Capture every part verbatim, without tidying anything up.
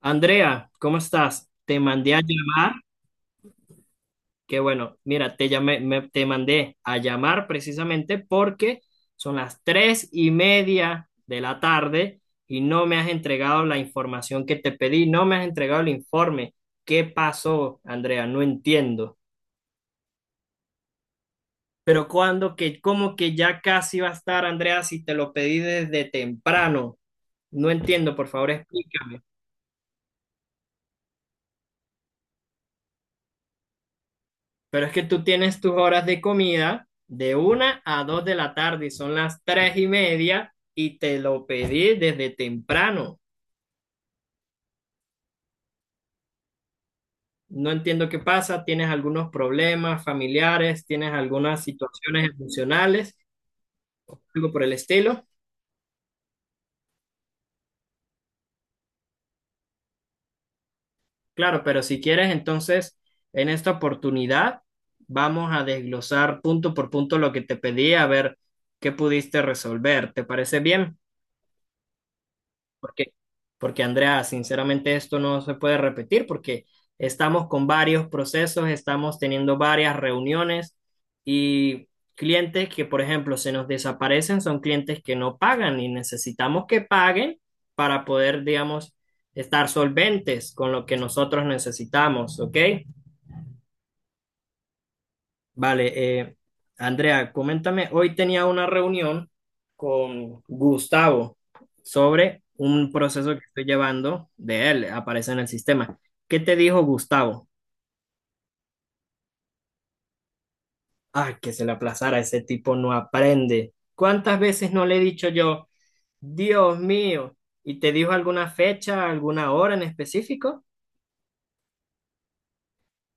Andrea, ¿cómo estás? Te mandé a llamar, que bueno, mira, te llamé, me- te mandé a llamar precisamente porque son las tres y media de la tarde y no me has entregado la información que te pedí, no me has entregado el informe. ¿Qué pasó, Andrea? No entiendo. Pero cuando que, cómo que ya casi va a estar, Andrea, si te lo pedí desde temprano. No entiendo, por favor, explícame. Pero es que tú tienes tus horas de comida de una a dos de la tarde y son las tres y media y te lo pedí desde temprano. No entiendo qué pasa, tienes algunos problemas familiares, tienes algunas situaciones emocionales, algo por el estilo. Claro, pero si quieres, entonces en esta oportunidad vamos a desglosar punto por punto lo que te pedí, a ver qué pudiste resolver. ¿Te parece bien? Porque, porque Andrea, sinceramente esto no se puede repetir porque estamos con varios procesos, estamos teniendo varias reuniones y clientes que, por ejemplo, se nos desaparecen son clientes que no pagan y necesitamos que paguen para poder, digamos, estar solventes con lo que nosotros necesitamos, ¿ok? Vale, eh, Andrea, coméntame, hoy tenía una reunión con Gustavo sobre un proceso que estoy llevando de él, aparece en el sistema. ¿Qué te dijo Gustavo? Ah, que se le aplazara, ese tipo no aprende. ¿Cuántas veces no le he dicho yo, Dios mío? ¿Y te dijo alguna fecha, alguna hora en específico?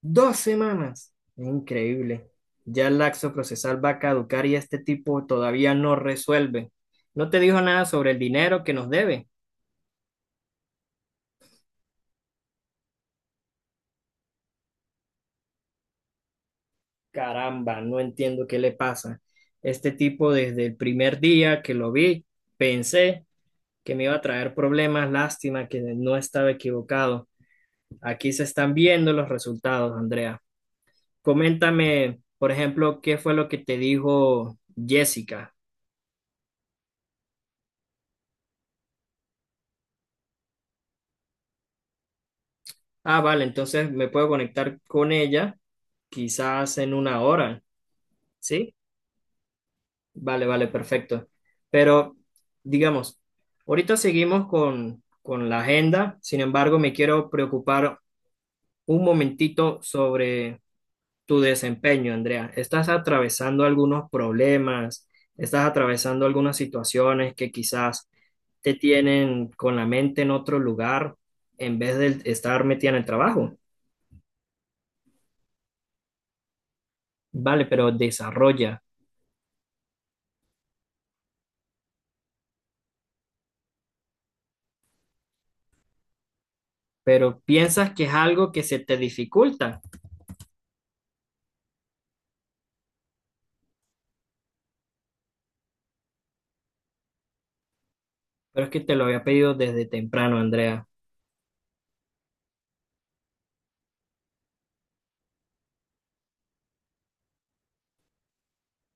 Dos semanas. Increíble. Ya el laxo procesal va a caducar y este tipo todavía no resuelve. No te dijo nada sobre el dinero que nos debe. Caramba, no entiendo qué le pasa. Este tipo desde el primer día que lo vi, pensé que me iba a traer problemas. Lástima que no estaba equivocado. Aquí se están viendo los resultados, Andrea. Coméntame, por ejemplo, qué fue lo que te dijo Jessica. Ah, vale, entonces me puedo conectar con ella quizás en una hora, ¿sí? Vale, vale, perfecto. Pero, digamos, ahorita seguimos con, con la agenda, sin embargo, me quiero preocupar un momentito sobre tu desempeño, Andrea. ¿Estás atravesando algunos problemas? ¿Estás atravesando algunas situaciones que quizás te tienen con la mente en otro lugar en vez de estar metida en el trabajo? Vale, pero desarrolla. Pero piensas que es algo que se te dificulta. Pero es que te lo había pedido desde temprano, Andrea.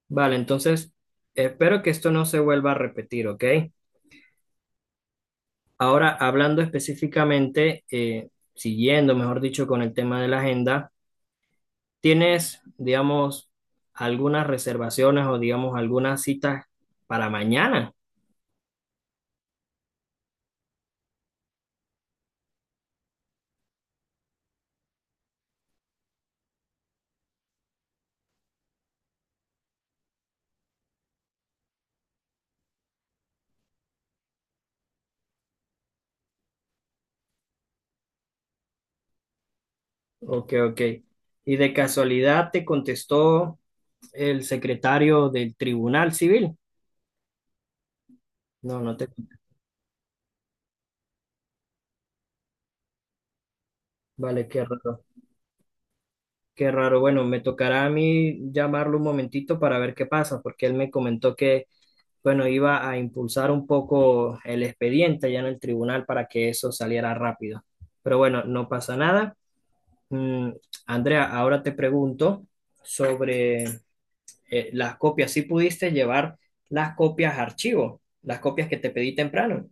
Vale, entonces espero que esto no se vuelva a repetir, ¿ok? Ahora, hablando específicamente, eh, siguiendo, mejor dicho, con el tema de la agenda, ¿tienes, digamos, algunas reservaciones o, digamos, algunas citas para mañana? Ok, ok. ¿Y de casualidad te contestó el secretario del Tribunal Civil? No, no te... Vale, qué raro. Qué raro. Bueno, me tocará a mí llamarlo un momentito para ver qué pasa, porque él me comentó que, bueno, iba a impulsar un poco el expediente allá en el tribunal para que eso saliera rápido. Pero bueno, no pasa nada. Mm, Andrea, ahora te pregunto sobre eh, las copias. ¿Si pudiste llevar las copias a archivo, las copias que te pedí temprano?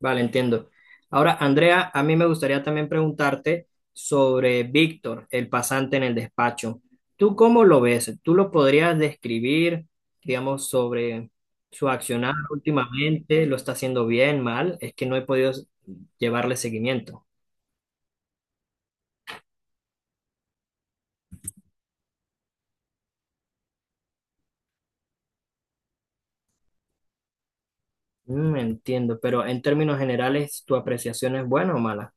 Vale, entiendo. Ahora, Andrea, a mí me gustaría también preguntarte sobre Víctor, el pasante en el despacho. ¿Tú cómo lo ves? ¿Tú lo podrías describir, digamos, sobre su accionar últimamente? ¿Lo está haciendo bien, mal? Es que no he podido llevarle seguimiento. Mm, entiendo, pero en términos generales, ¿tu apreciación es buena o mala?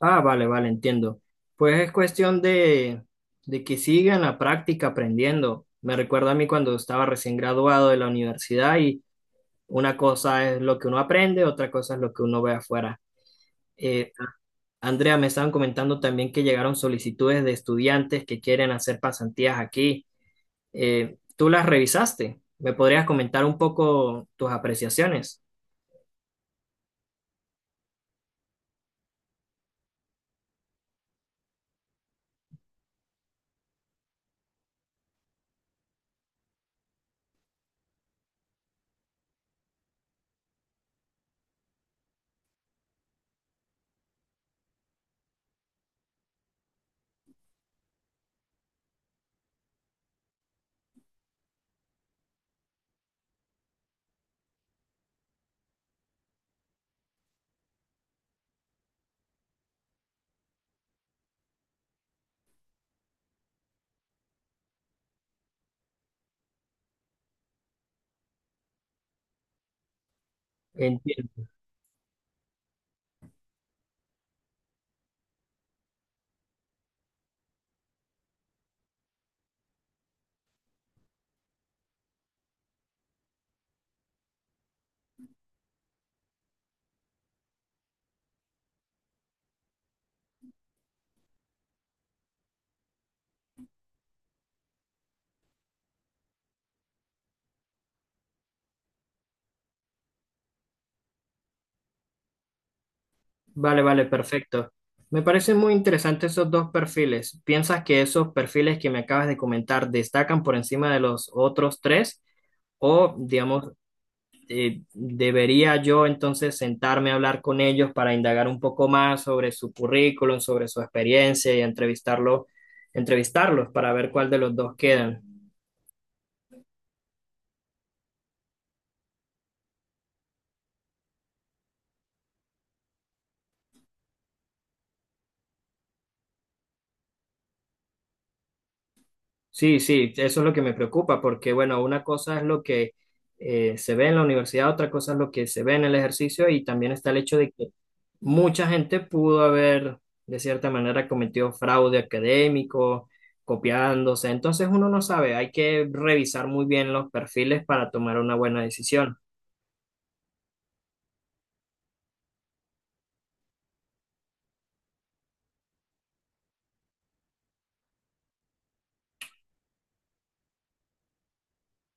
Ah, vale, vale, entiendo. Pues es cuestión de, de, que sigan la práctica aprendiendo. Me recuerda a mí cuando estaba recién graduado de la universidad y una cosa es lo que uno aprende, otra cosa es lo que uno ve afuera. Eh, Andrea, me estaban comentando también que llegaron solicitudes de estudiantes que quieren hacer pasantías aquí. Eh, ¿tú las revisaste? ¿Me podrías comentar un poco tus apreciaciones? Entiendo. Vale, vale, perfecto. Me parecen muy interesantes esos dos perfiles. ¿Piensas que esos perfiles que me acabas de comentar destacan por encima de los otros tres? O, digamos, eh, ¿debería yo entonces sentarme a hablar con ellos para indagar un poco más sobre su currículum, sobre su experiencia y entrevistarlo, entrevistarlos para ver cuál de los dos quedan? Sí, sí, eso es lo que me preocupa, porque bueno, una cosa es lo que eh, se ve en la universidad, otra cosa es lo que se ve en el ejercicio y también está el hecho de que mucha gente pudo haber, de cierta manera, cometido fraude académico, copiándose. Entonces uno no sabe, hay que revisar muy bien los perfiles para tomar una buena decisión.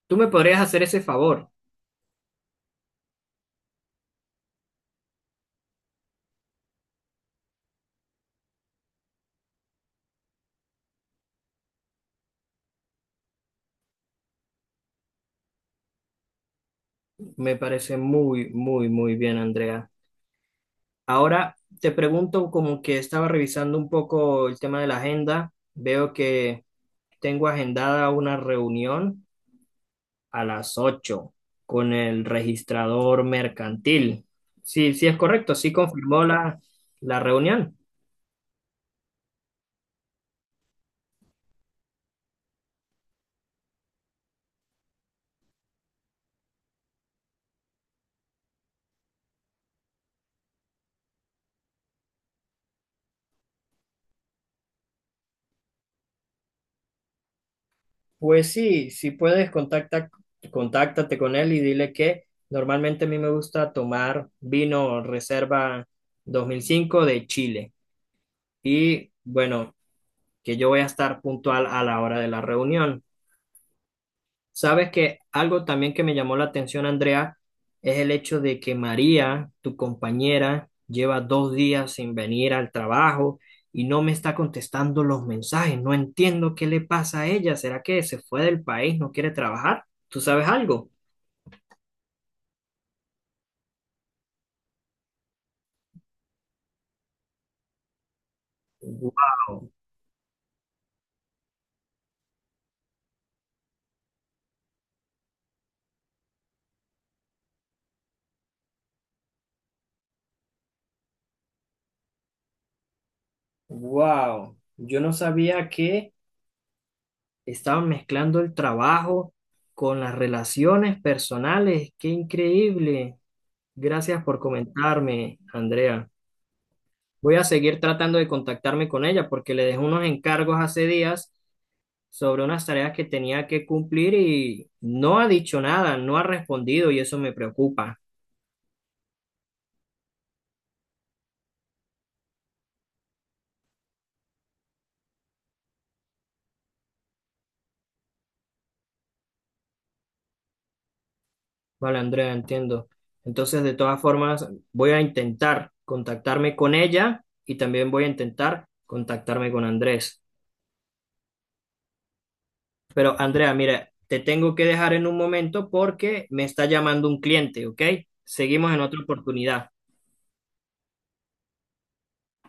Tú me podrías hacer ese favor. Me parece muy, muy, muy bien, Andrea. Ahora te pregunto, como que estaba revisando un poco el tema de la agenda, veo que tengo agendada una reunión a las ocho con el registrador mercantil. Sí, sí es correcto, sí confirmó la, la reunión. Pues sí, si puedes, contacta, contáctate con él y dile que normalmente a mí me gusta tomar vino Reserva dos mil cinco de Chile. Y bueno, que yo voy a estar puntual a la hora de la reunión. Sabes que algo también que me llamó la atención, Andrea, es el hecho de que María, tu compañera, lleva dos días sin venir al trabajo y no me está contestando los mensajes. No entiendo qué le pasa a ella. ¿Será que se fue del país, no quiere trabajar? ¿Tú sabes algo? Wow, wow. Yo no sabía que estaban mezclando el trabajo con las relaciones personales. Qué increíble. Gracias por comentarme, Andrea. Voy a seguir tratando de contactarme con ella porque le dejé unos encargos hace días sobre unas tareas que tenía que cumplir y no ha dicho nada, no ha respondido y eso me preocupa. Vale, Andrea, entiendo. Entonces, de todas formas, voy a intentar contactarme con ella y también voy a intentar contactarme con Andrés. Pero, Andrea, mira, te tengo que dejar en un momento porque me está llamando un cliente, ¿ok? Seguimos en otra oportunidad.